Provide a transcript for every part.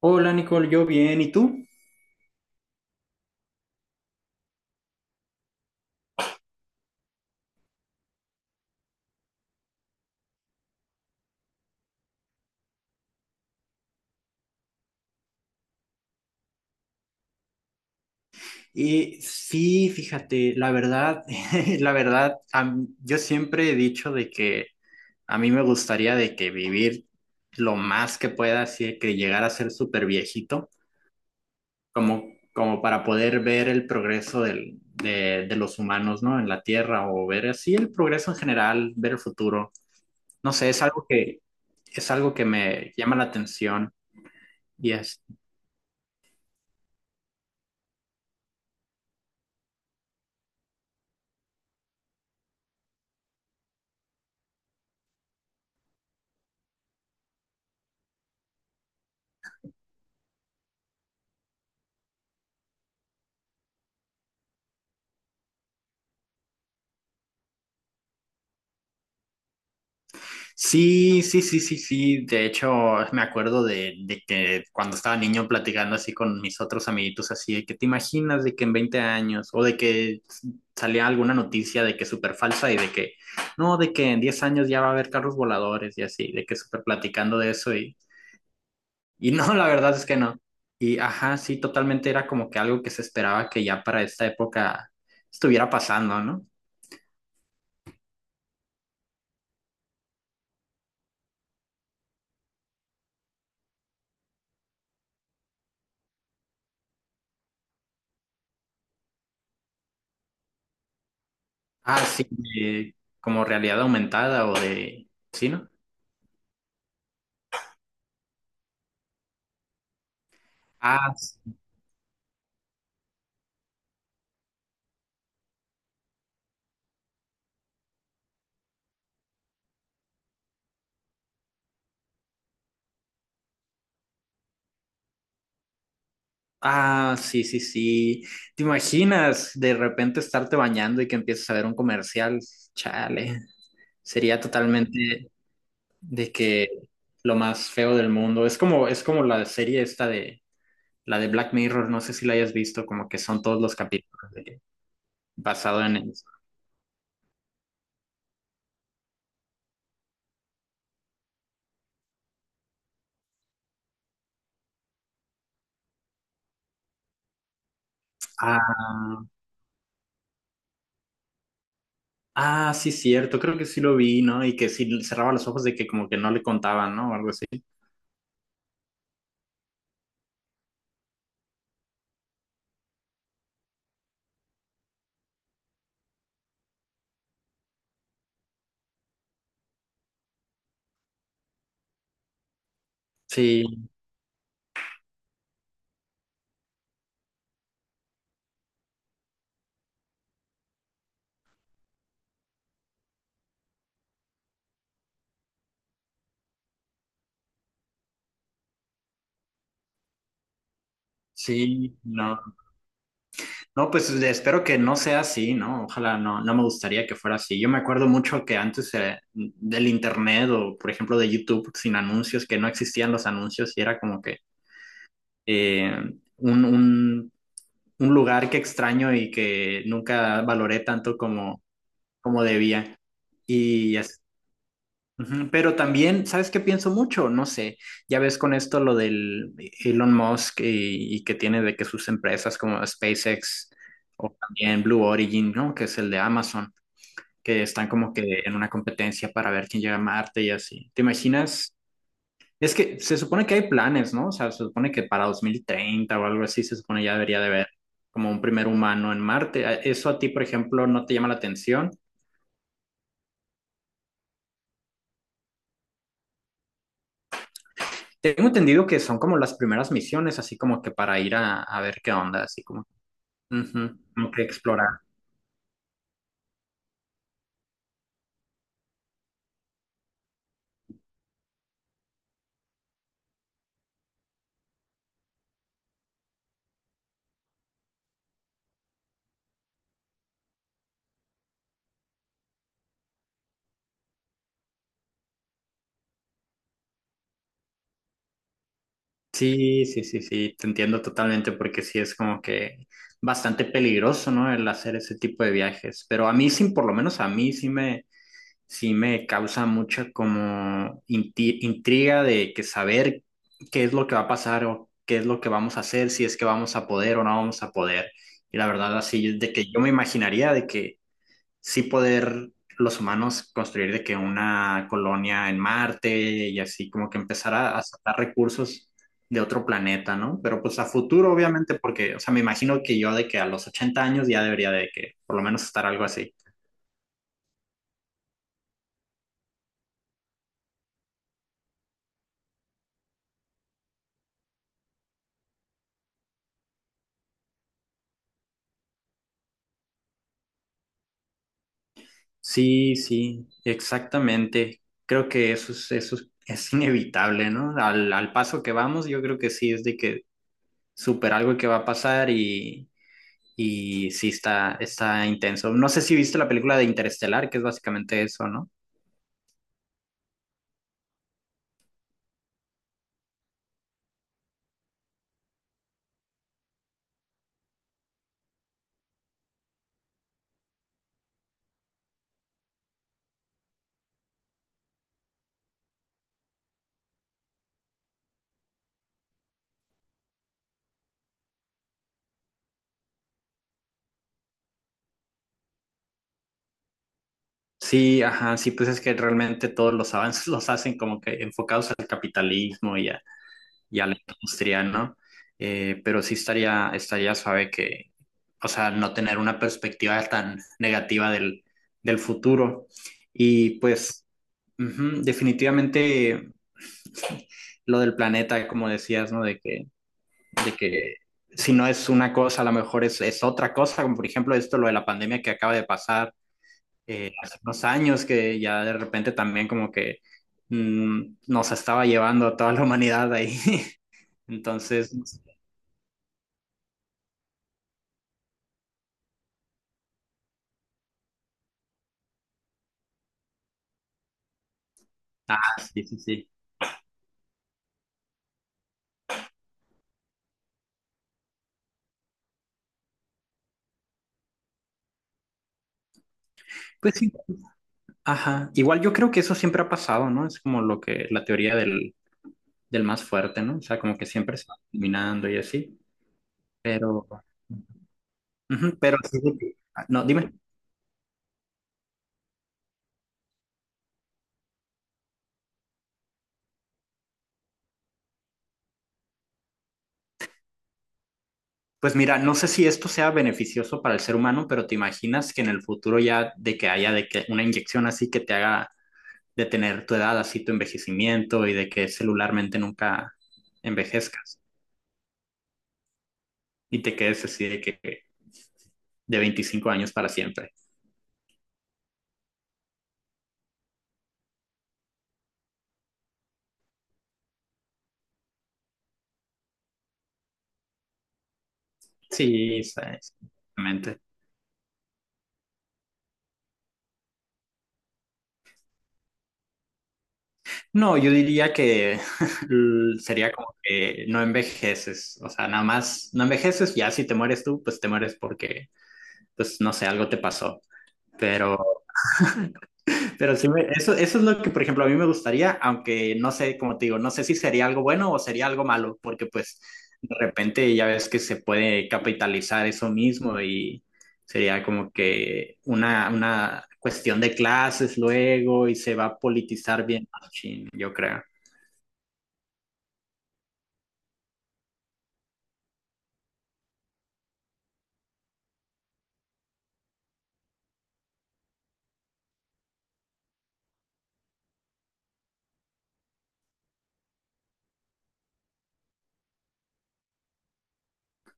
Hola Nicole, yo bien, ¿y tú? Sí, fíjate, la verdad, la verdad, yo siempre he dicho de que a mí me gustaría de que vivir lo más que pueda, así de que llegar a ser súper viejito, como, como para poder ver el progreso de los humanos, ¿no? En la Tierra o ver así el progreso en general, ver el futuro. No sé, es algo que me llama la atención y. Sí, sí, sí, sí, sí. De hecho, me acuerdo de que cuando estaba niño platicando así con mis otros amiguitos, así de que te imaginas de que en 20 años o de que salía alguna noticia de que súper falsa y de que no, de que en 10 años ya va a haber carros voladores y así, de que súper platicando de eso y no, la verdad es que no. Y ajá, sí, totalmente era como que algo que se esperaba que ya para esta época estuviera pasando, ¿no? Ah, sí, como realidad aumentada o de sí, ¿no? Ah, s- ah, sí, sí, sí. ¿Te imaginas de repente estarte bañando y que empieces a ver un comercial? Chale. Sería totalmente de que lo más feo del mundo. Es como la serie esta de la de Black Mirror, no sé si la hayas visto, como que son todos los basado en eso. Ah, ah, sí, cierto, creo que sí lo vi, ¿no? Y que si cerraba los ojos de que como que no le contaban, ¿no? O algo así. Sí, sí, no. No, espero que no sea así, ¿no? Ojalá no, no me gustaría que fuera así. Yo me acuerdo mucho que antes del internet o, por ejemplo, de YouTube sin anuncios, que no existían los anuncios y era como que eh, un, un- un lugar que extraño y que nunca valoré tanto como debía. Y así ujú. Pero también, ¿sabes qué pienso mucho? No sé, ya ves con esto lo del Elon Musk y que tiene de que sus empresas como SpaceX o también Blue Origin, ¿no? Que es el de Amazon, que están como que en una competencia para ver quién llega a Marte y así. ¿Te imaginas? Es que se supone que hay planes, ¿no? O sea, se supone que para 2030 o algo así se supone ya debería de haber como un primer humano en Marte. ¿Eso a ti, por ejemplo, no te llama la atención? Tengo entendido que son como las primeras misiones, así como que para ir a ver qué onda, así como, ujú, como que explorar. Sí, sí, sí, sí, te entiendo totalmente porque sí es como que bastante peligroso, ¿no? El hacer ese tipo de viajes, pero a mí sí, por lo menos a mí sí me causa mucha como intriga de que saber qué es lo que va a pasar o qué es lo que vamos a hacer, si es que vamos a poder o no vamos a poder. Y la verdad así es de que yo me imaginaría de que sí poder los humanos construir de que una colonia en Marte y así como que empezar a sacar recursos de otro planeta, ¿no? Pero pues a futuro, obviamente, porque, o sea, me imagino que yo de que a los 80 años ya debería de que por lo menos estar algo así. Sí, sí, exactamente. Creo que eso es inevitable, ¿no? Al paso que vamos, yo creo que sí es de que super algo que va a pasar y. Y sí, está intenso. No sé si viste la película de Interestelar, que es básicamente eso, ¿no? Sí, ajá, sí, pues es que realmente todos los avances los hacen como que enfocados al capitalismo y a la industria, ¿no? Pero sí estaría suave que, o sea, no tener una perspectiva tan negativa del futuro. Y pues, ujú, definitivamente lo del planeta, como decías, ¿no? De que si no es una cosa, a lo mejor es otra cosa, como por ejemplo esto, lo de la pandemia que acaba de pasar hace unos años, que ya de repente también como que mm, nos estaba llevando a toda la humanidad ahí. Entonces, no ah, sí, sí, sí. Pues sí, ajá. Igual yo creo que eso siempre ha pasado, ¿no? Es como lo que, la teoría del más fuerte, ¿no? O sea, como que siempre se va eliminando y así. Pero, ujú, pero sí, sí, sí. Ah, no, dime. Pues mira, no sé si esto sea beneficioso para el ser humano, pero te imaginas que en el futuro ya de que haya de que una inyección así que te haga detener tu edad, así tu envejecimiento y de que celularmente nunca envejezcas y te quedes así de que de 25 años para siempre. Sí, sabes, exactamente. No, yo diría que sería como que no envejeces, o sea, nada más no envejeces, ya si te mueres tú, pues te mueres porque, pues no sé, algo te pasó. Pero Pero sí, eso, eso es lo que, por ejemplo, a mí me gustaría, aunque no sé, como te digo, no sé si sería algo bueno o sería algo malo, porque pues de repente ya ves que se puede capitalizar eso mismo y sería como que una cuestión de clases luego y se va a politizar bien, machín, yo creo.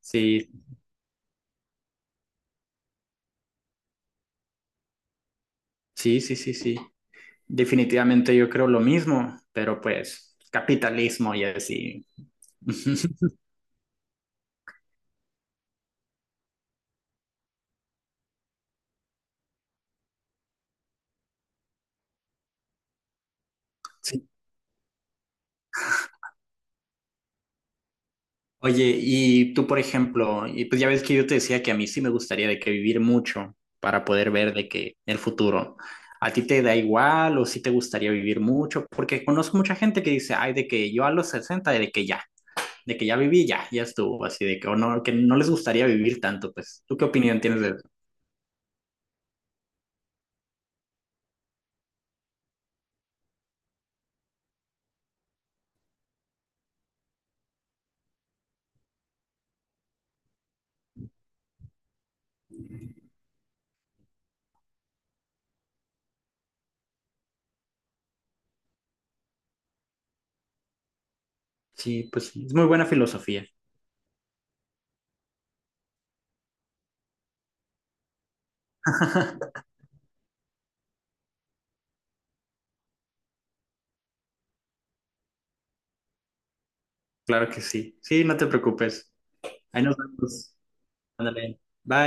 Sí, sí, sí, sí, sí. Definitivamente yo creo lo mismo, pero pues capitalismo y así. Sí, oye, y tú, por ejemplo, y pues ya ves que yo te decía que a mí sí me gustaría de que vivir mucho para poder ver de que el futuro. ¿A ti te da igual o sí te gustaría vivir mucho? Porque conozco mucha gente que dice, ay, de que yo a los 60 de que ya viví, ya, ya estuvo, así de que, o no, que no les gustaría vivir tanto, pues. ¿Tú qué opinión tienes de eso? Sí, pues es muy buena filosofía. Claro que sí. Sí, no te preocupes. Ahí nos vemos. Ándale. Bye.